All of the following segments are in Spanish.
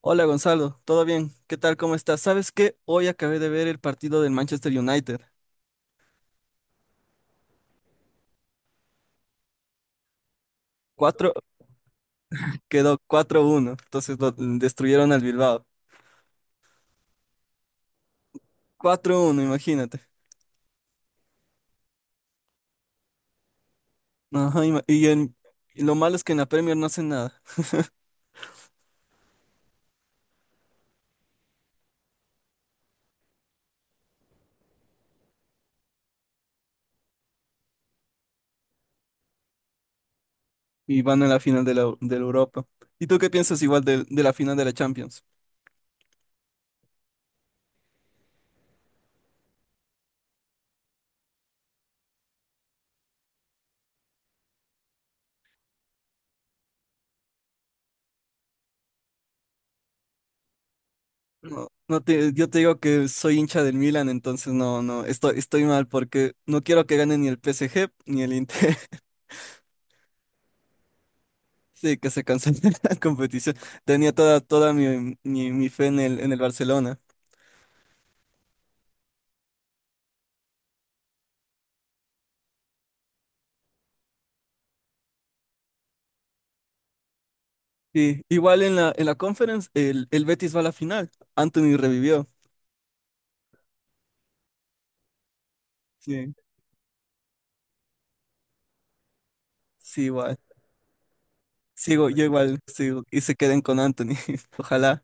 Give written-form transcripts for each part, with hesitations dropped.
Hola Gonzalo, ¿todo bien? ¿Qué tal? ¿Cómo estás? ¿Sabes qué? Hoy acabé de ver el partido del Manchester United. Cuatro Quedó 4-1, entonces destruyeron al Bilbao. 4-1, imagínate. Ajá, y lo malo es que en la Premier no hacen nada y van a la final de la Europa. ¿Y tú qué piensas igual de la final de la Champions? No, yo te digo que soy hincha del Milan, entonces no, estoy mal porque no quiero que gane ni el PSG ni el Inter. Sí, que se canceló la competición. Tenía toda mi fe en el Barcelona. Sí, igual en la conference, el Betis va a la final. Anthony revivió. Sí, sí, igual. Yo igual sigo y se queden con Anthony. Ojalá.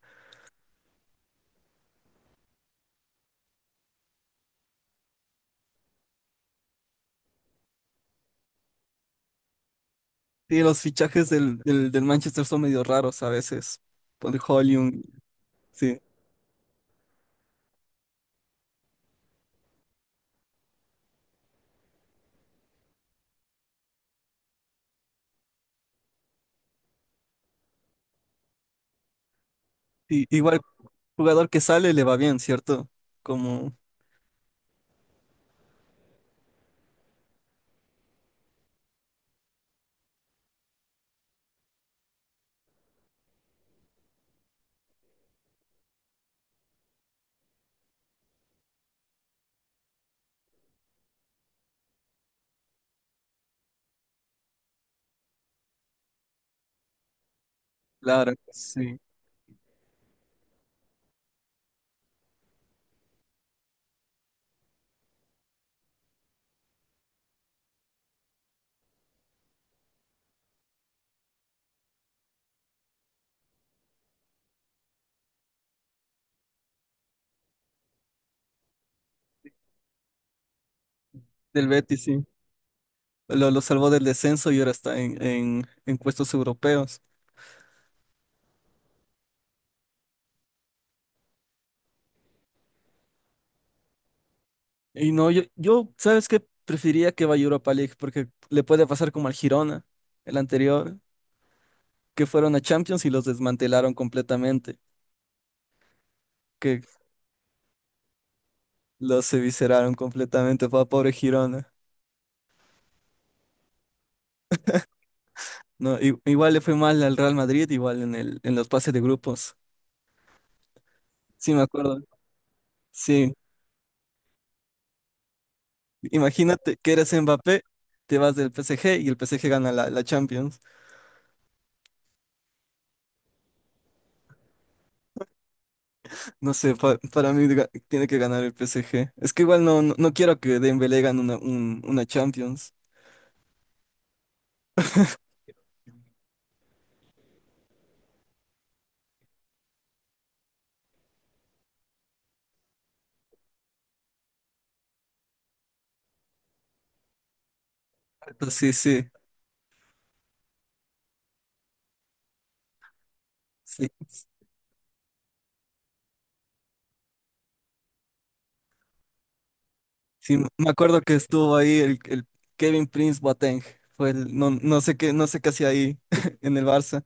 Sí, los fichajes del Manchester son medio raros a veces. Por el Hojlund, sí. Y, igual, jugador que sale le va bien, ¿cierto? Como Lara, sí. Del Betis, sí. Lo salvó del descenso y ahora está en puestos europeos. Y no, yo, ¿sabes qué? Preferiría que vaya a Europa League porque le puede pasar como al Girona, el anterior, que fueron a Champions y los desmantelaron completamente, que los evisceraron completamente, fue pobre Girona. No, igual le fue mal al Real Madrid, igual en los pases de grupos. Sí, me acuerdo. Sí, imagínate que eres Mbappé, te vas del PSG y el PSG gana la Champions. No sé, para mí tiene que ganar el PSG. Es que igual no quiero que Dembélé gane una Champions. Entonces, sí, sí, sí. Sí, me acuerdo que estuvo ahí el Kevin Prince Boateng. No, no sé qué hacía ahí en el Barça.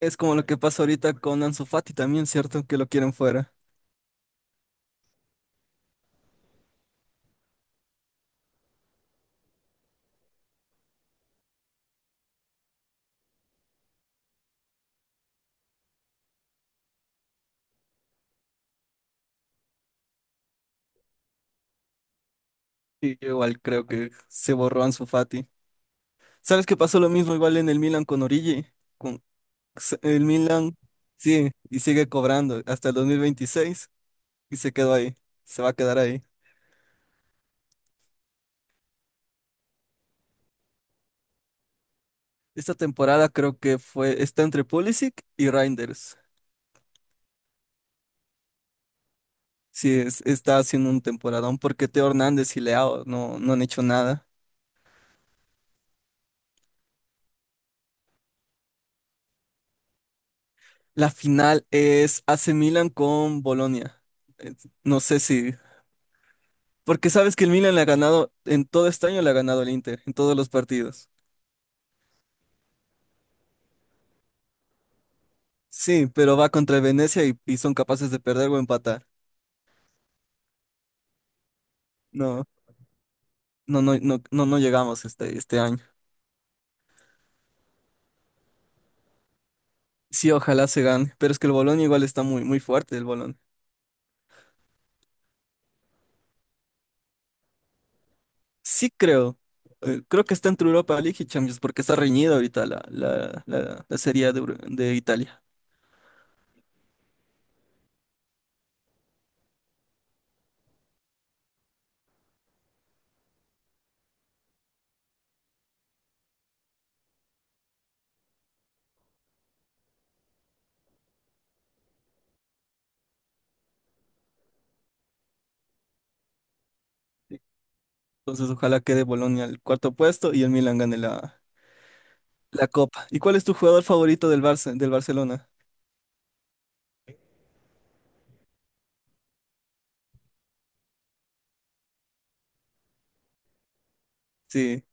Es como lo que pasa ahorita con Ansu Fati también, ¿cierto? Que lo quieren fuera. Sí, yo igual creo que se borró Ansu Fati. ¿Sabes qué? Pasó lo mismo igual en el Milan con Origi. Con el Milan, sí, y sigue cobrando hasta el 2026 y se quedó ahí. Se va a quedar ahí. Esta temporada creo que está entre Pulisic y Reinders. Sí, está haciendo un temporadón porque Teo Hernández y Leao no han hecho nada. La final es AC Milan con Bolonia. Eh, No sé si, porque sabes que el Milan le ha ganado, en todo este año le ha ganado el Inter, en todos los partidos. Sí, pero va contra el Venecia y son capaces de perder o empatar. No, no, no, no, no, no llegamos este año. Sí, ojalá se gane, pero es que el Bolón igual está muy, muy fuerte, el Bolón. Sí creo, creo que está entre Europa League y Champions porque está reñida ahorita la Serie A de Italia. Entonces ojalá quede Bolonia al cuarto puesto y el Milan gane la Copa. ¿Y cuál es tu jugador favorito del Barça, del Barcelona? Sí,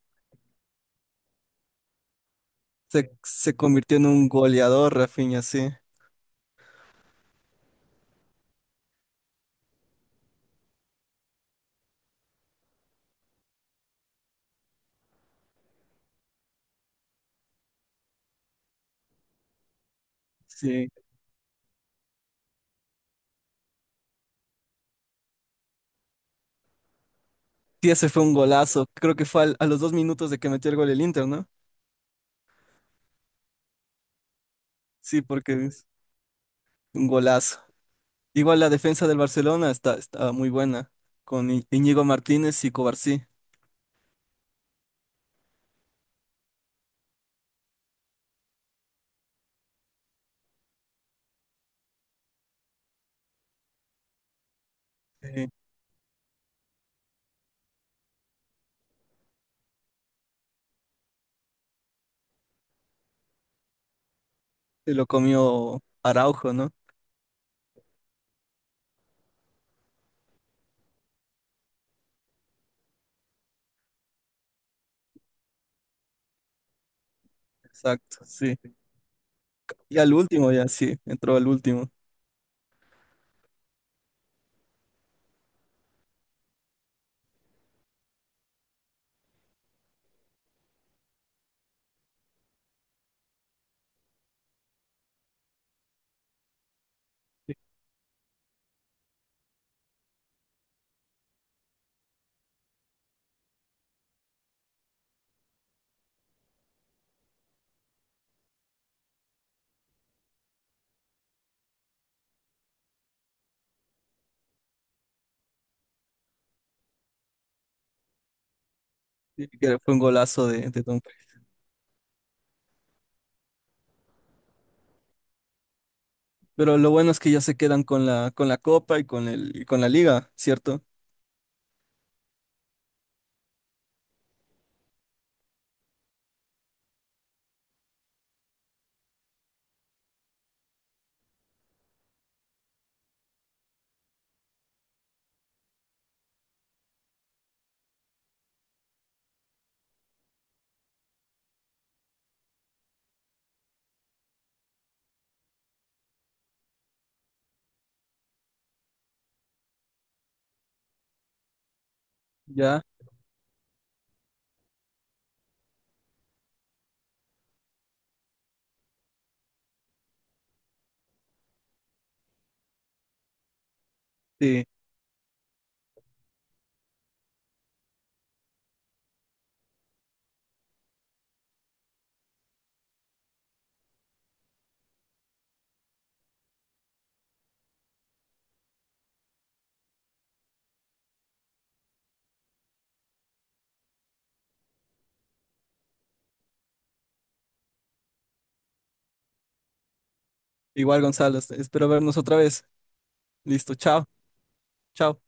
se convirtió en un goleador, Rafinha, sí. Sí, sí, ese fue un golazo. Creo que fue a los 2 minutos de que metió el gol el Inter, ¿no? Sí, porque es un golazo. Igual la defensa del Barcelona está muy buena, con Íñigo Martínez y Cobarsí. Sí, se lo comió Araujo, ¿no? Exacto, sí. Y al último ya, sí, entró al último. Sí, que fue un golazo de Dumfries. Pero lo bueno es que ya se quedan con la Copa y y con la Liga, ¿cierto? Ya, sí. Igual, Gonzalo, espero vernos otra vez. Listo, chao, chao.